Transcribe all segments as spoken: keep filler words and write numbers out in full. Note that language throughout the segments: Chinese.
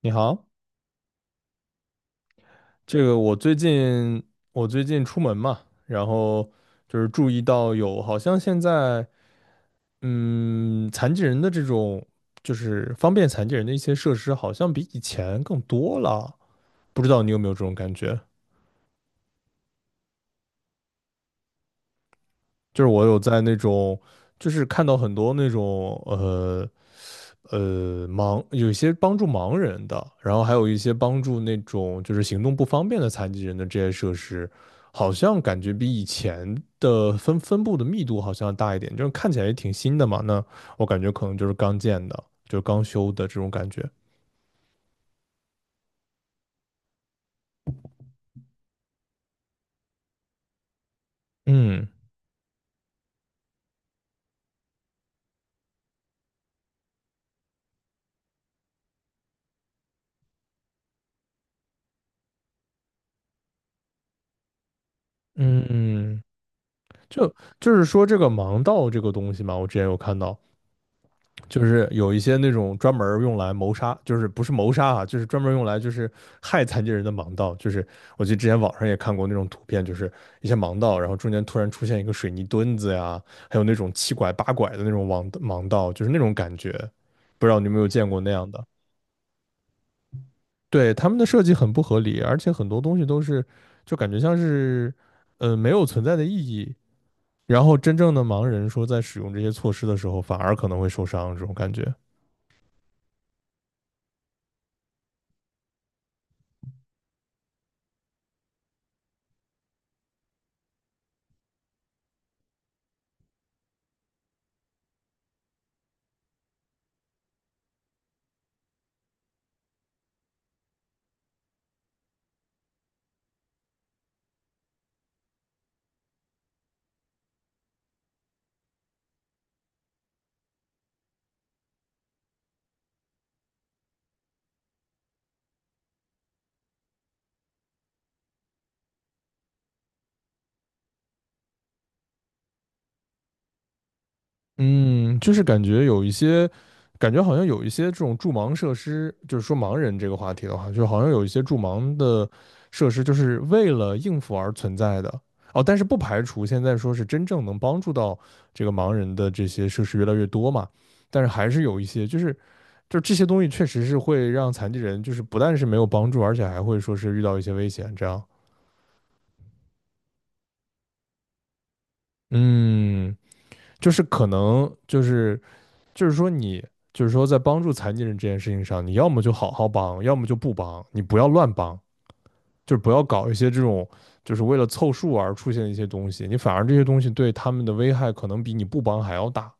你好，这个我最近我最近出门嘛，然后就是注意到有好像现在嗯残疾人的这种就是方便残疾人的一些设施，好像比以前更多了，不知道你有没有这种感觉？就是我有在那种就是看到很多那种呃。呃，盲，有一些帮助盲人的，然后还有一些帮助那种就是行动不方便的残疾人的这些设施，好像感觉比以前的分分布的密度好像要大一点，就是看起来也挺新的嘛。那我感觉可能就是刚建的，就是刚修的这种感觉。嗯嗯嗯，就就是说这个盲道这个东西嘛，我之前有看到，就是有一些那种专门用来谋杀，就是不是谋杀啊，就是专门用来就是害残疾人的盲道。就是我记得之前网上也看过那种图片，就是一些盲道，然后中间突然出现一个水泥墩子呀，还有那种七拐八拐的那种盲盲道，就是那种感觉。不知道你有没有见过那样的？对，他们的设计很不合理，而且很多东西都是就感觉像是呃没有存在的意义。然后真正的盲人说在使用这些措施的时候，反而可能会受伤，这种感觉。嗯，就是感觉有一些，感觉好像有一些这种助盲设施，就是说盲人这个话题的话，就好像有一些助盲的设施，就是为了应付而存在的。哦，但是不排除现在说是真正能帮助到这个盲人的这些设施越来越多嘛，但是还是有一些，就是就是这些东西确实是会让残疾人就是不但是没有帮助，而且还会说是遇到一些危险这样。嗯，就是可能就是就是说你就是说在帮助残疾人这件事情上，你要么就好好帮，要么就不帮，你不要乱帮，就是不要搞一些这种就是为了凑数而出现的一些东西，你反而这些东西对他们的危害可能比你不帮还要大。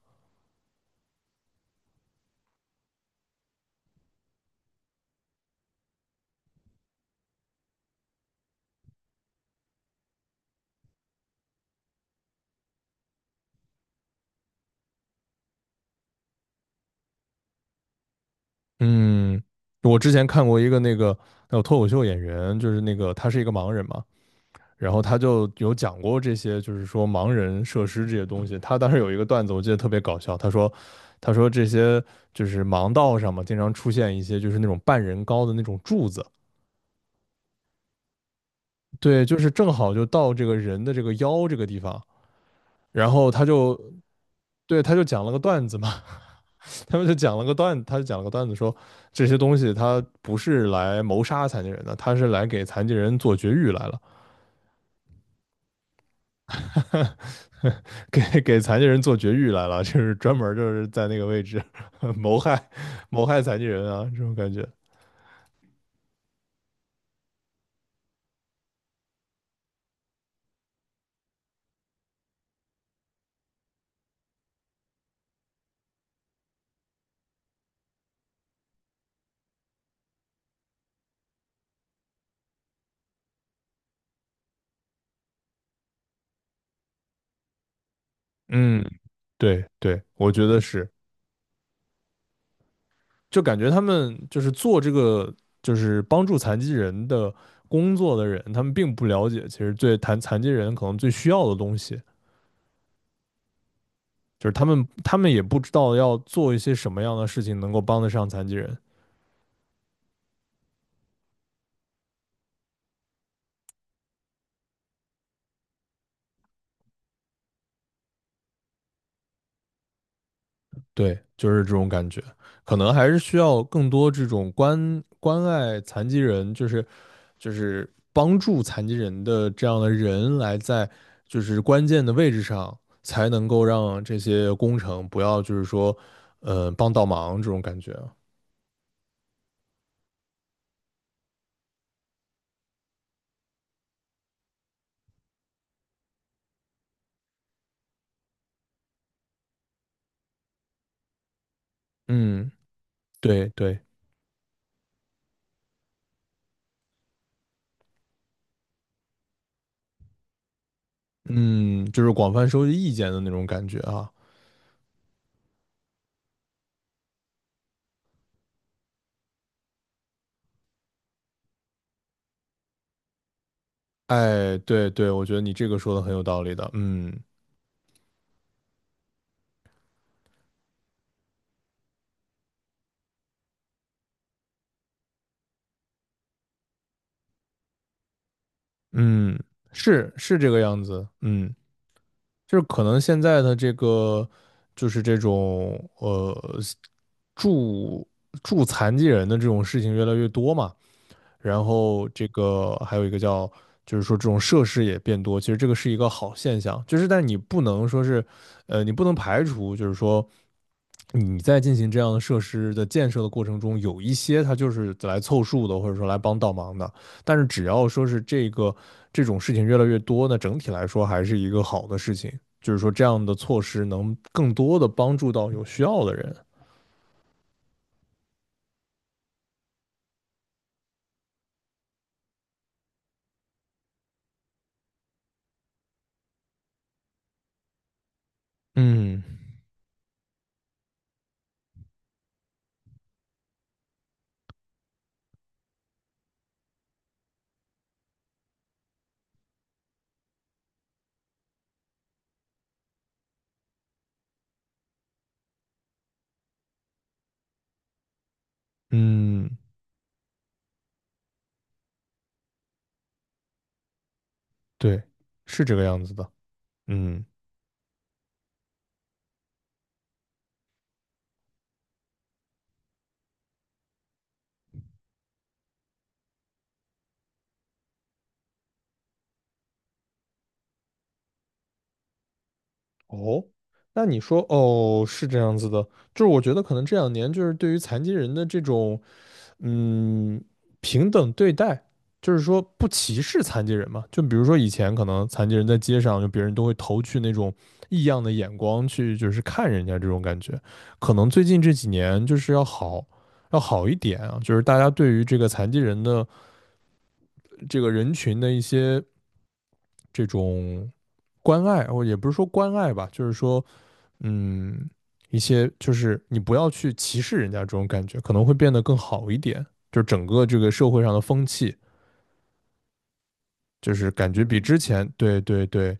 嗯，我之前看过一个那个那个脱口秀演员，就是那个他是一个盲人嘛，然后他就有讲过这些，就是说盲人设施这些东西。他当时有一个段子，我记得特别搞笑。他说，他说这些就是盲道上嘛，经常出现一些就是那种半人高的那种柱子，对，就是正好就到这个人的这个腰这个地方。然后他就，对，他就讲了个段子嘛，他们就讲了个段，他就讲了个段子说，这些东西他不是来谋杀残疾人的，他是来给残疾人做绝育来了。给给残疾人做绝育来了，就是专门就是在那个位置 谋害谋害残疾人啊，这种感觉。嗯，对对，我觉得是，就感觉他们就是做这个就是帮助残疾人的工作的人，他们并不了解其实最残残疾人可能最需要的东西，就是他们他们也不知道要做一些什么样的事情能够帮得上残疾人。对，就是这种感觉。可能还是需要更多这种关关爱残疾人，就是就是帮助残疾人的这样的人来在就是关键的位置上，才能够让这些工程不要就是说，呃，帮倒忙这种感觉啊。嗯，对对，嗯，就是广泛收集意见的那种感觉啊。哎，对对，我觉得你这个说的很有道理的。嗯嗯，是是这个样子。嗯。就是可能现在的这个，就是这种呃助助残疾人的这种事情越来越多嘛，然后这个还有一个叫，就是说这种设施也变多，其实这个是一个好现象，就是但你不能说是，呃，你不能排除，就是说你在进行这样的设施的建设的过程中，有一些它就是来凑数的，或者说来帮倒忙的。但是只要说是这个这种事情越来越多，那整体来说还是一个好的事情，就是说这样的措施能更多的帮助到有需要的人。嗯嗯，对，是这个样子的。嗯，哦，那你说哦是这样子的，就是我觉得可能这两年就是对于残疾人的这种嗯平等对待，就是说不歧视残疾人嘛。就比如说以前可能残疾人在街上，就别人都会投去那种异样的眼光去，就是看人家这种感觉。可能最近这几年就是要好要好一点啊，就是大家对于这个残疾人的这个人群的一些这种关爱，哦，也不是说关爱吧，就是说。嗯，一些就是你不要去歧视人家这种感觉，可能会变得更好一点。就是整个这个社会上的风气，就是感觉比之前，对对对，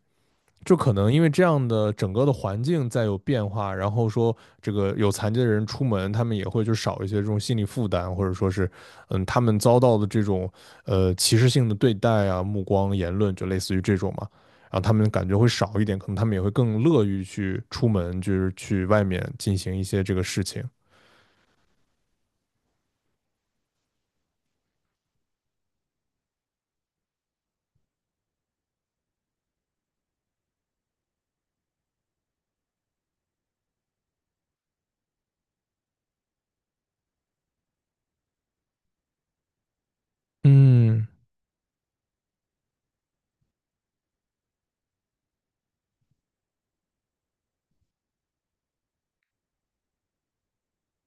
就可能因为这样的整个的环境在有变化，然后说这个有残疾的人出门，他们也会就少一些这种心理负担，或者说是，嗯，他们遭到的这种呃歧视性的对待啊、目光、言论，就类似于这种嘛，然后他们感觉会少一点，可能他们也会更乐于去出门，就是去外面进行一些这个事情。嗯，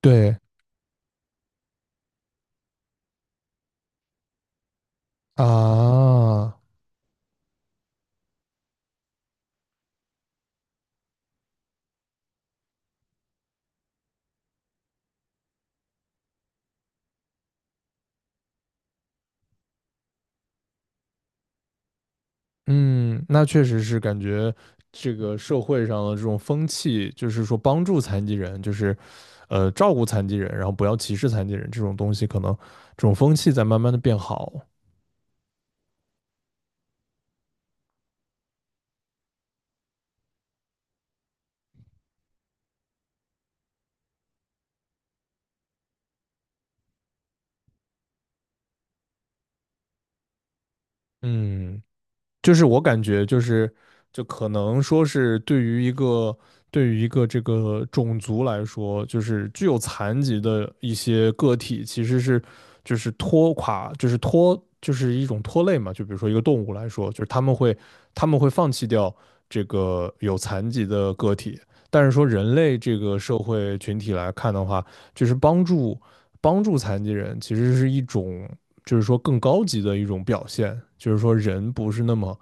对啊，嗯，那确实是感觉这个社会上的这种风气，就是说帮助残疾人，就是呃照顾残疾人，然后不要歧视残疾人这种东西，可能这种风气在慢慢的变好。嗯。就是我感觉就是，就可能说是对于一个对于一个这个种族来说，就是具有残疾的一些个体，其实是就是拖垮，就是拖，就是一种拖累嘛。就比如说一个动物来说，就是他们会他们会放弃掉这个有残疾的个体，但是说人类这个社会群体来看的话，就是帮助帮助残疾人，其实是一种。就是说更高级的一种表现，就是说人不是那么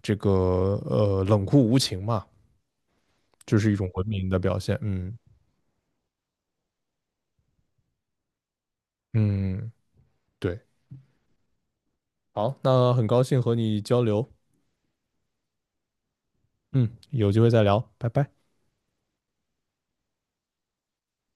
这个呃冷酷无情嘛，就是一种文明的表现。嗯嗯，对，好，那很高兴和你交流，嗯，有机会再聊，拜拜。